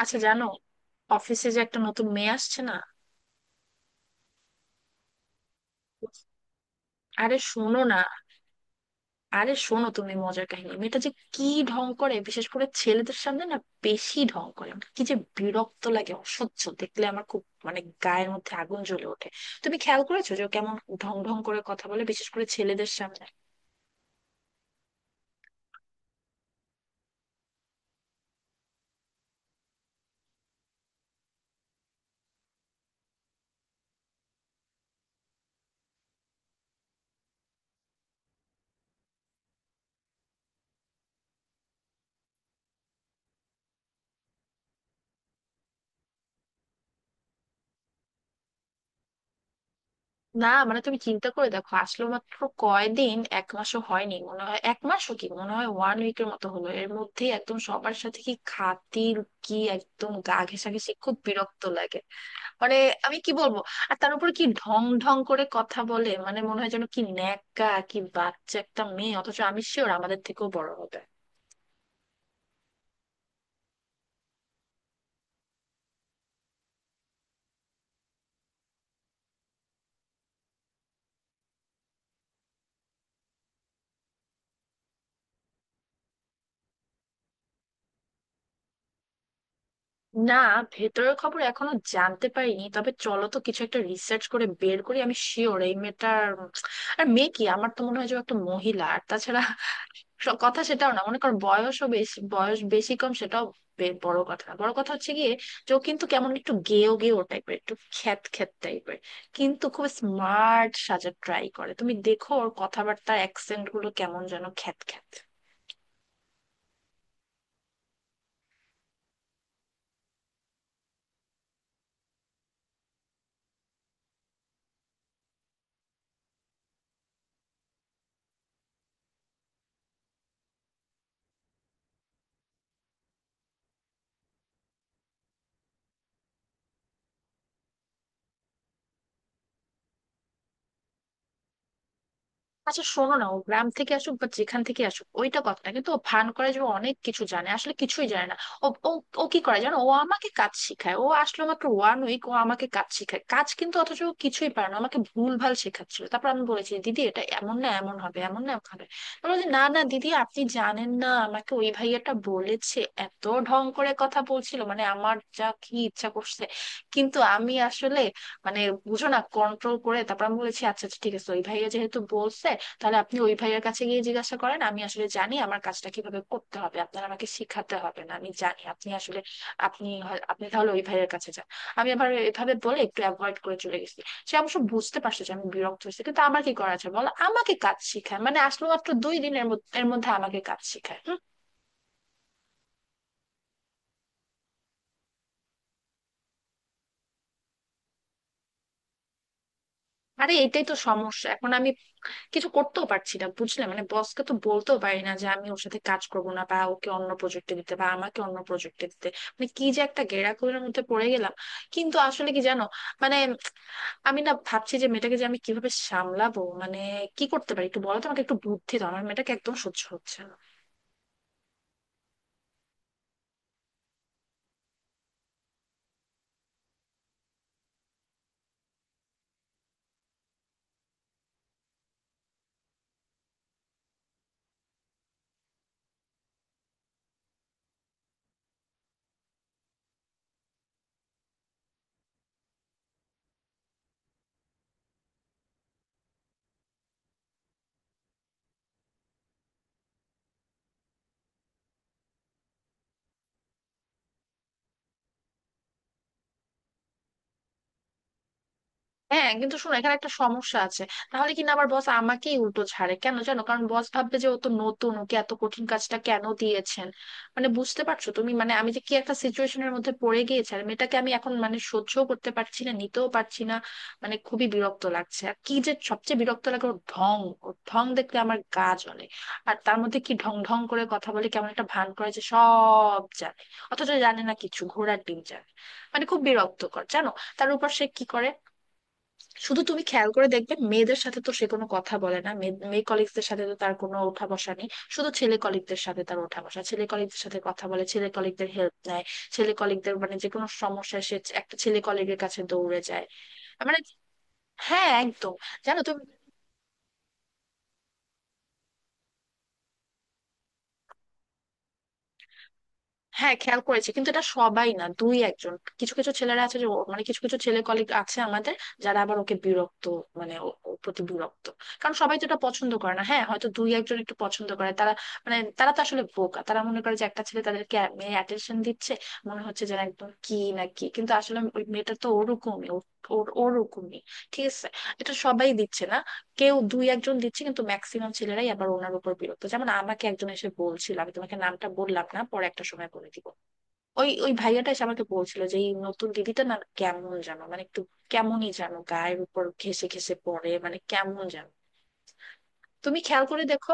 আচ্ছা, জানো অফিসে যে একটা নতুন মেয়ে আসছে না, আরে শোনো না, আরে শোনো, তুমি মজার কাহিনী মেয়েটা যে কি ঢং করে বিশেষ করে ছেলেদের সামনে না, বেশি ঢং করে। আমার কি যে বিরক্ত লাগে, অসহ্য দেখলে আমার খুব মানে গায়ের মধ্যে আগুন জ্বলে ওঠে। তুমি খেয়াল করেছো যে ও কেমন ঢং ঢং করে কথা বলে বিশেষ করে ছেলেদের সামনে? না মানে তুমি চিন্তা করে দেখো, আসলে মাত্র কয়দিন, এক মাসও হয়নি মনে হয়, এক মাসও কি মনে হয়, ওয়ান উইকের মতো হলো। এর মধ্যে একদম সবার সাথে কি খাতির, কি একদম গা ঘেঁষাঘেঁষি, খুব বিরক্ত লাগে। মানে আমি কি বলবো, আর তার উপরে কি ঢং ঢং করে কথা বলে, মানে মনে হয় যেন কি ন্যাকা, কি বাচ্চা একটা মেয়ে, অথচ আমি শিওর আমাদের থেকেও বড় হবে। না, ভেতরের খবর এখনো জানতে পারিনি, তবে চলো তো কিছু একটা রিসার্চ করে বের করি। আমি শিওর এই মেয়েটার, আর মেয়ে কি, আমার তো মনে হয় যে ও একটা মহিলা। আর তাছাড়া কথা সেটাও না, মনে করো বয়সও বেশি, বয়স বেশি কম সেটাও বড় কথা না, বড় কথা হচ্ছে গিয়ে যে ও কিন্তু কেমন একটু গেও গেও টাইপের, একটু খ্যাত খ্যাত টাইপের, কিন্তু খুব স্মার্ট সাজার ট্রাই করে। তুমি দেখো ওর কথাবার্তার অ্যাকসেন্ট গুলো কেমন যেন খ্যাত খ্যাত। আচ্ছা শোনো না, ও গ্রাম থেকে আসুক বা যেখান থেকে আসুক ওইটা কথা না, কিন্তু ও ভান করে যে ও অনেক কিছু জানে, আসলে কিছুই জানে না। ও ও ও কি করে জানো, ও আমাকে কাজ শেখায়। ও আসলো মাত্র ওয়ান উইক, ও আমাকে কাজ শেখায় কাজ, কিন্তু অথচ ও কিছুই পারে না। আমাকে ভুল ভাল শেখাচ্ছিল, তারপর আমি বলেছি দিদি এটা এমন না এমন হবে, এমন না এমন হবে। আমি বলছি না না দিদি, আপনি জানেন না, আমাকে ওই ভাইয়াটা বলেছে। এত ঢং করে কথা বলছিল মানে আমার যা কি ইচ্ছা করছে, কিন্তু আমি আসলে মানে বুঝো না, কন্ট্রোল করে তারপর আমি বলেছি আচ্ছা আচ্ছা ঠিক আছে, ওই ভাইয়া যেহেতু বলছে তাহলে আপনি ওই ভাইয়ার কাছে গিয়ে জিজ্ঞাসা করেন। আমি আসলে জানি আমার কাজটা কিভাবে করতে হবে, আপনার আমাকে শিখাতে হবে না, আমি জানি। আপনি আসলে আপনি তাহলে ওই ভাইয়ের কাছে যান। আমি আবার এভাবে বলে একটু অ্যাভয়েড করে চলে গেছি। সে অবশ্য বুঝতে পারছে যে আমি বিরক্ত হয়েছি, কিন্তু আমার কি করা যায় বলো, আমাকে কাজ শিখায়, মানে আসলে মাত্র দুই দিনের মধ্যে এর মধ্যে আমাকে কাজ শিখায়। হুম। আরে এটাই তো সমস্যা, এখন আমি কিছু করতেও পারছি না বুঝলে, মানে বসকে তো বলতেও পারি না যে আমি ওর সাথে কাজ করবো না, বা ওকে অন্য প্রজেক্টে দিতে বা আমাকে অন্য প্রজেক্টে দিতে। মানে কি যে একটা গেঁড়াখুলির মধ্যে পড়ে গেলাম। কিন্তু আসলে কি জানো, মানে আমি না ভাবছি যে মেয়েটাকে যে আমি কিভাবে সামলাবো। মানে কি করতে পারি একটু বলো তো, আমাকে একটু বুদ্ধি দাও, আমার মেয়েটাকে একদম সহ্য হচ্ছে না। হ্যাঁ কিন্তু শোনো, এখানে একটা সমস্যা আছে। তাহলে কিনা আবার বস আমাকেই উল্টো ছাড়ে কেন জানো, কারণ বস ভাববে যে ও তো নতুন, ওকে এত কঠিন কাজটা কেন দিয়েছেন। মানে বুঝতে পারছো তুমি, মানে আমি যে কি একটা সিচুয়েশনের মধ্যে পড়ে গিয়েছি। আর মেয়েটাকে আমি এখন মানে সহ্য করতে পারছি না, নিতেও পারছি না। মানে খুবই বিরক্ত লাগছে, আর কি যে সবচেয়ে বিরক্ত লাগে ওর ঢং। ওর ঢং দেখলে আমার গা জ্বলে। আর তার মধ্যে কি ঢং ঢং করে কথা বলে, কেমন একটা ভান করে যে সব জানে, অথচ জানে না কিছু, ঘোড়ার ডিম জানে। মানে খুব বিরক্তকর জানো। তার উপর সে কি করে, শুধু তুমি খেয়াল করে দেখবে মেয়েদের সাথে তো সে কোনো কথা বলে না, মেয়ে মেয়ে কলিগদের সাথে তো তার কোনো ওঠা বসা নেই। শুধু ছেলে কলিগদের সাথে তার ওঠা বসা, ছেলে কলিগদের সাথে কথা বলে, ছেলে কলিগদের হেল্প নেয়, ছেলে কলিগদের মানে যে কোনো সমস্যায় সে একটা ছেলে কলিগের কাছে দৌড়ে যায়। মানে হ্যাঁ একদম। জানো তুমি, হ্যাঁ খেয়াল করেছি, কিন্তু এটা সবাই না, দুই একজন, কিছু কিছু ছেলেরা আছে যে মানে কিছু কিছু ছেলে কলিগ আছে আমাদের, যারা আবার ওকে বিরক্ত, মানে ওর প্রতি বিরক্ত, কারণ সবাই তো এটা পছন্দ করে না। হ্যাঁ হয়তো দুই একজন একটু পছন্দ করে, তারা মানে তারা তো আসলে বোকা, তারা মনে করে যে একটা ছেলে তাদেরকে মেয়ে অ্যাটেনশন দিচ্ছে, মনে হচ্ছে যেন একদম কি না কি। কিন্তু আসলে ওই মেয়েটা তো ওরকমই, ওর ওরকমই, ঠিক আছে। এটা সবাই দিচ্ছে না, কেউ দুই একজন দিচ্ছে, কিন্তু ম্যাক্সিমাম ছেলেরাই আবার ওনার উপর বিরক্ত। যেমন আমাকে একজন এসে বলছিল, আমি তোমাকে নামটা বললাম না, পরে একটা সময় বলে দিব। ওই ওই ভাইয়াটা এসে আমাকে বলছিল যে এই নতুন দিদিটা না কেমন জানো, মানে একটু কেমনই জানো গায়ের উপর ঘেসে ঘেসে পড়ে, মানে কেমন জানো। তুমি খেয়াল করে দেখো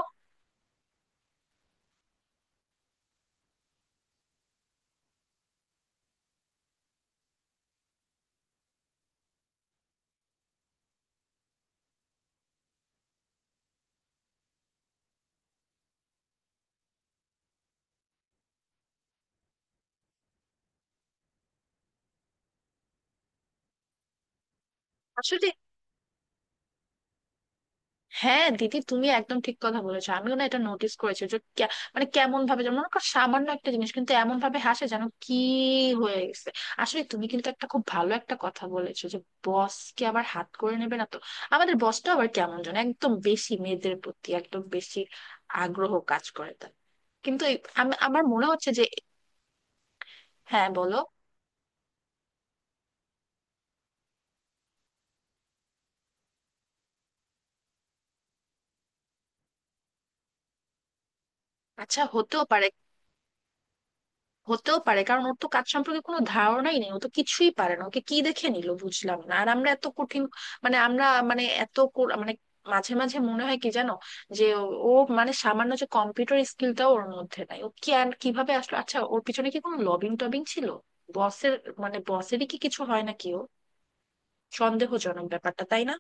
আসলে। হ্যাঁ দিদি তুমি একদম ঠিক কথা বলেছো, আমিও না এটা নোটিস করেছি যে মানে কেমন ভাবে, যেমন মনে করো সামান্য একটা জিনিস কিন্তু এমন ভাবে হাসে যেন কি হয়ে গেছে। আসলে তুমি কিন্তু একটা খুব ভালো একটা কথা বলেছো যে বস কে আবার হাত করে নেবে না তো। আমাদের বসটা আবার কেমন যেন একদম বেশি মেয়েদের প্রতি, একদম বেশি আগ্রহ কাজ করে তার। কিন্তু আমার মনে হচ্ছে যে, হ্যাঁ বলো, আচ্ছা হতেও পারে। হতেও পারে, কারণ ওর তো কাজ সম্পর্কে কোনো ধারণাই নেই, ও তো কিছুই পারে না। ওকে কি দেখে নিল বুঝলাম না, আর আমরা এত কঠিন, মানে আমরা, মানে এত মানে, মাঝে মাঝে মনে হয় কি জানো যে ও ও মানে সামান্য যে কম্পিউটার স্কিলটাও ওর মধ্যে নাই, ও কি আর কিভাবে আসলো। আচ্ছা ওর পিছনে কি কোনো লবিং টবিং ছিল বসের, মানে বসেরই কি কিছু হয় নাকি ও, সন্দেহজনক ব্যাপারটা তাই না।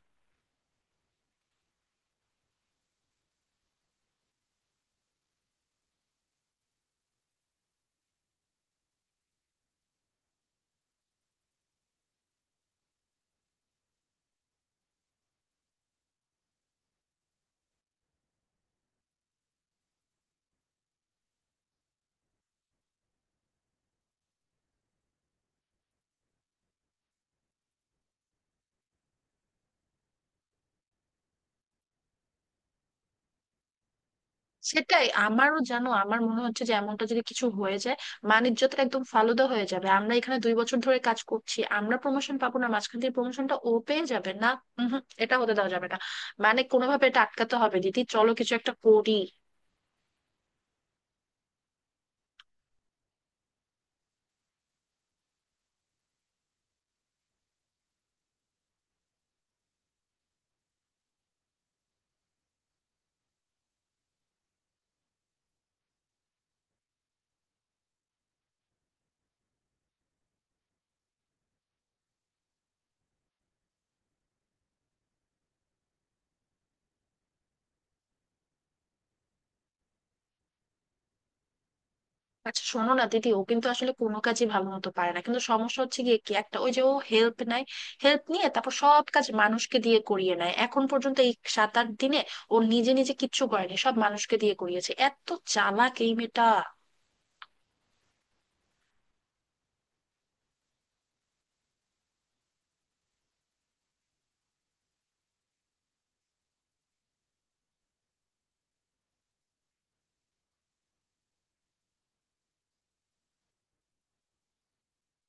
সেটাই আমারও জানো, আমার মনে হচ্ছে যে এমনটা যদি কিছু হয়ে যায় বাণিজ্য তো একদম ফালুদা হয়ে যাবে। আমরা এখানে দুই বছর ধরে কাজ করছি, আমরা প্রমোশন পাবো না, মাঝখান দিয়ে প্রমোশনটা ও পেয়ে যাবে না। উহুম, এটা হতে দেওয়া যাবে না। মানে কোনোভাবে এটা আটকাতে হবে দিদি, চলো কিছু একটা করি। আচ্ছা শোনো না দিদি, ও কিন্তু আসলে কোনো কাজই ভালো মতো পারে না, কিন্তু সমস্যা হচ্ছে গিয়ে কি একটা, ওই যে ও হেল্প নেয়, হেল্প নিয়ে তারপর সব কাজ মানুষকে দিয়ে করিয়ে নেয়। এখন পর্যন্ত এই সাত আট দিনে ও নিজে নিজে কিচ্ছু করেনি, সব মানুষকে দিয়ে করিয়েছে, এত চালাক এই মেয়েটা।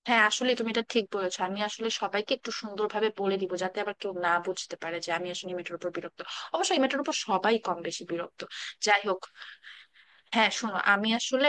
হ্যাঁ আসলে তুমি এটা ঠিক বলেছো, আমি আসলে সবাইকে একটু সুন্দরভাবে বলে দিব, যাতে আবার কেউ না বুঝতে পারে যে আমি আসলে এই মেয়েটার উপর বিরক্ত। অবশ্যই মেয়েটার উপর সবাই কম বেশি বিরক্ত। যাই হোক, হ্যাঁ শোনো আমি আসলে,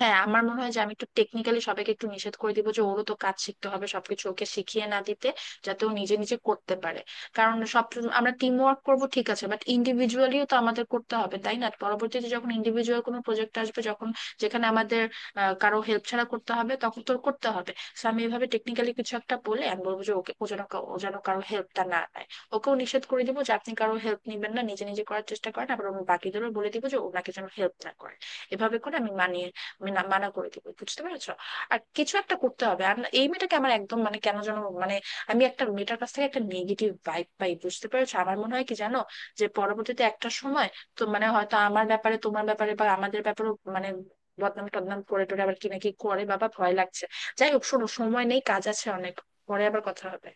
হ্যাঁ আমার মনে হয় যে আমি একটু টেকনিক্যালি সবাইকে একটু নিষেধ করে দিব যে ওরও তো কাজ শিখতে হবে, সবকিছু ওকে শিখিয়ে না দিতে, যাতে ও নিজে নিজে করতে পারে। কারণ সব, আমরা টিম ওয়ার্ক করবো ঠিক আছে, বাট ইন্ডিভিজুয়ালিও তো আমাদের করতে হবে তাই না, পরবর্তীতে যখন ইন্ডিভিজুয়াল কোনো প্রজেক্ট আসবে, যখন যেখানে আমাদের কারো হেল্প ছাড়া করতে হবে, তখন তো ওর করতে হবে। সো আমি এভাবে টেকনিক্যালি কিছু একটা বলে আমি বলবো যে ওকে, ও যেন ও যেন কারো হেল্পটা না নেয়। ওকেও নিষেধ করে দিব যে আপনি কারো হেল্প নেবেন না, নিজে নিজে করার চেষ্টা করেন, আবার আমি বাকিদেরও বলে দিব যে ওনাকে যেন হেল্প না করে। এভাবে করে আমি মানিয়ে, আমি মানা করে দিব, বুঝতে পেরেছো। আর কিছু একটা করতে হবে, আর এই মেয়েটাকে আমার একদম, মানে কেন যেন মানে আমি একটা মেয়েটার কাছ থেকে একটা নেগেটিভ ভাইব পাই, বুঝতে পেরেছো। আমার মনে হয় কি জানো, যে পরবর্তীতে একটা সময় তো, মানে হয়তো আমার ব্যাপারে তোমার ব্যাপারে বা আমাদের ব্যাপারে, মানে বদনাম টদনাম করে টোরে আবার কি নাকি করে, বাবা ভয় লাগছে। যাই হোক শোনো, সময় নেই, কাজ আছে অনেক। পরে আবার কথা হবে।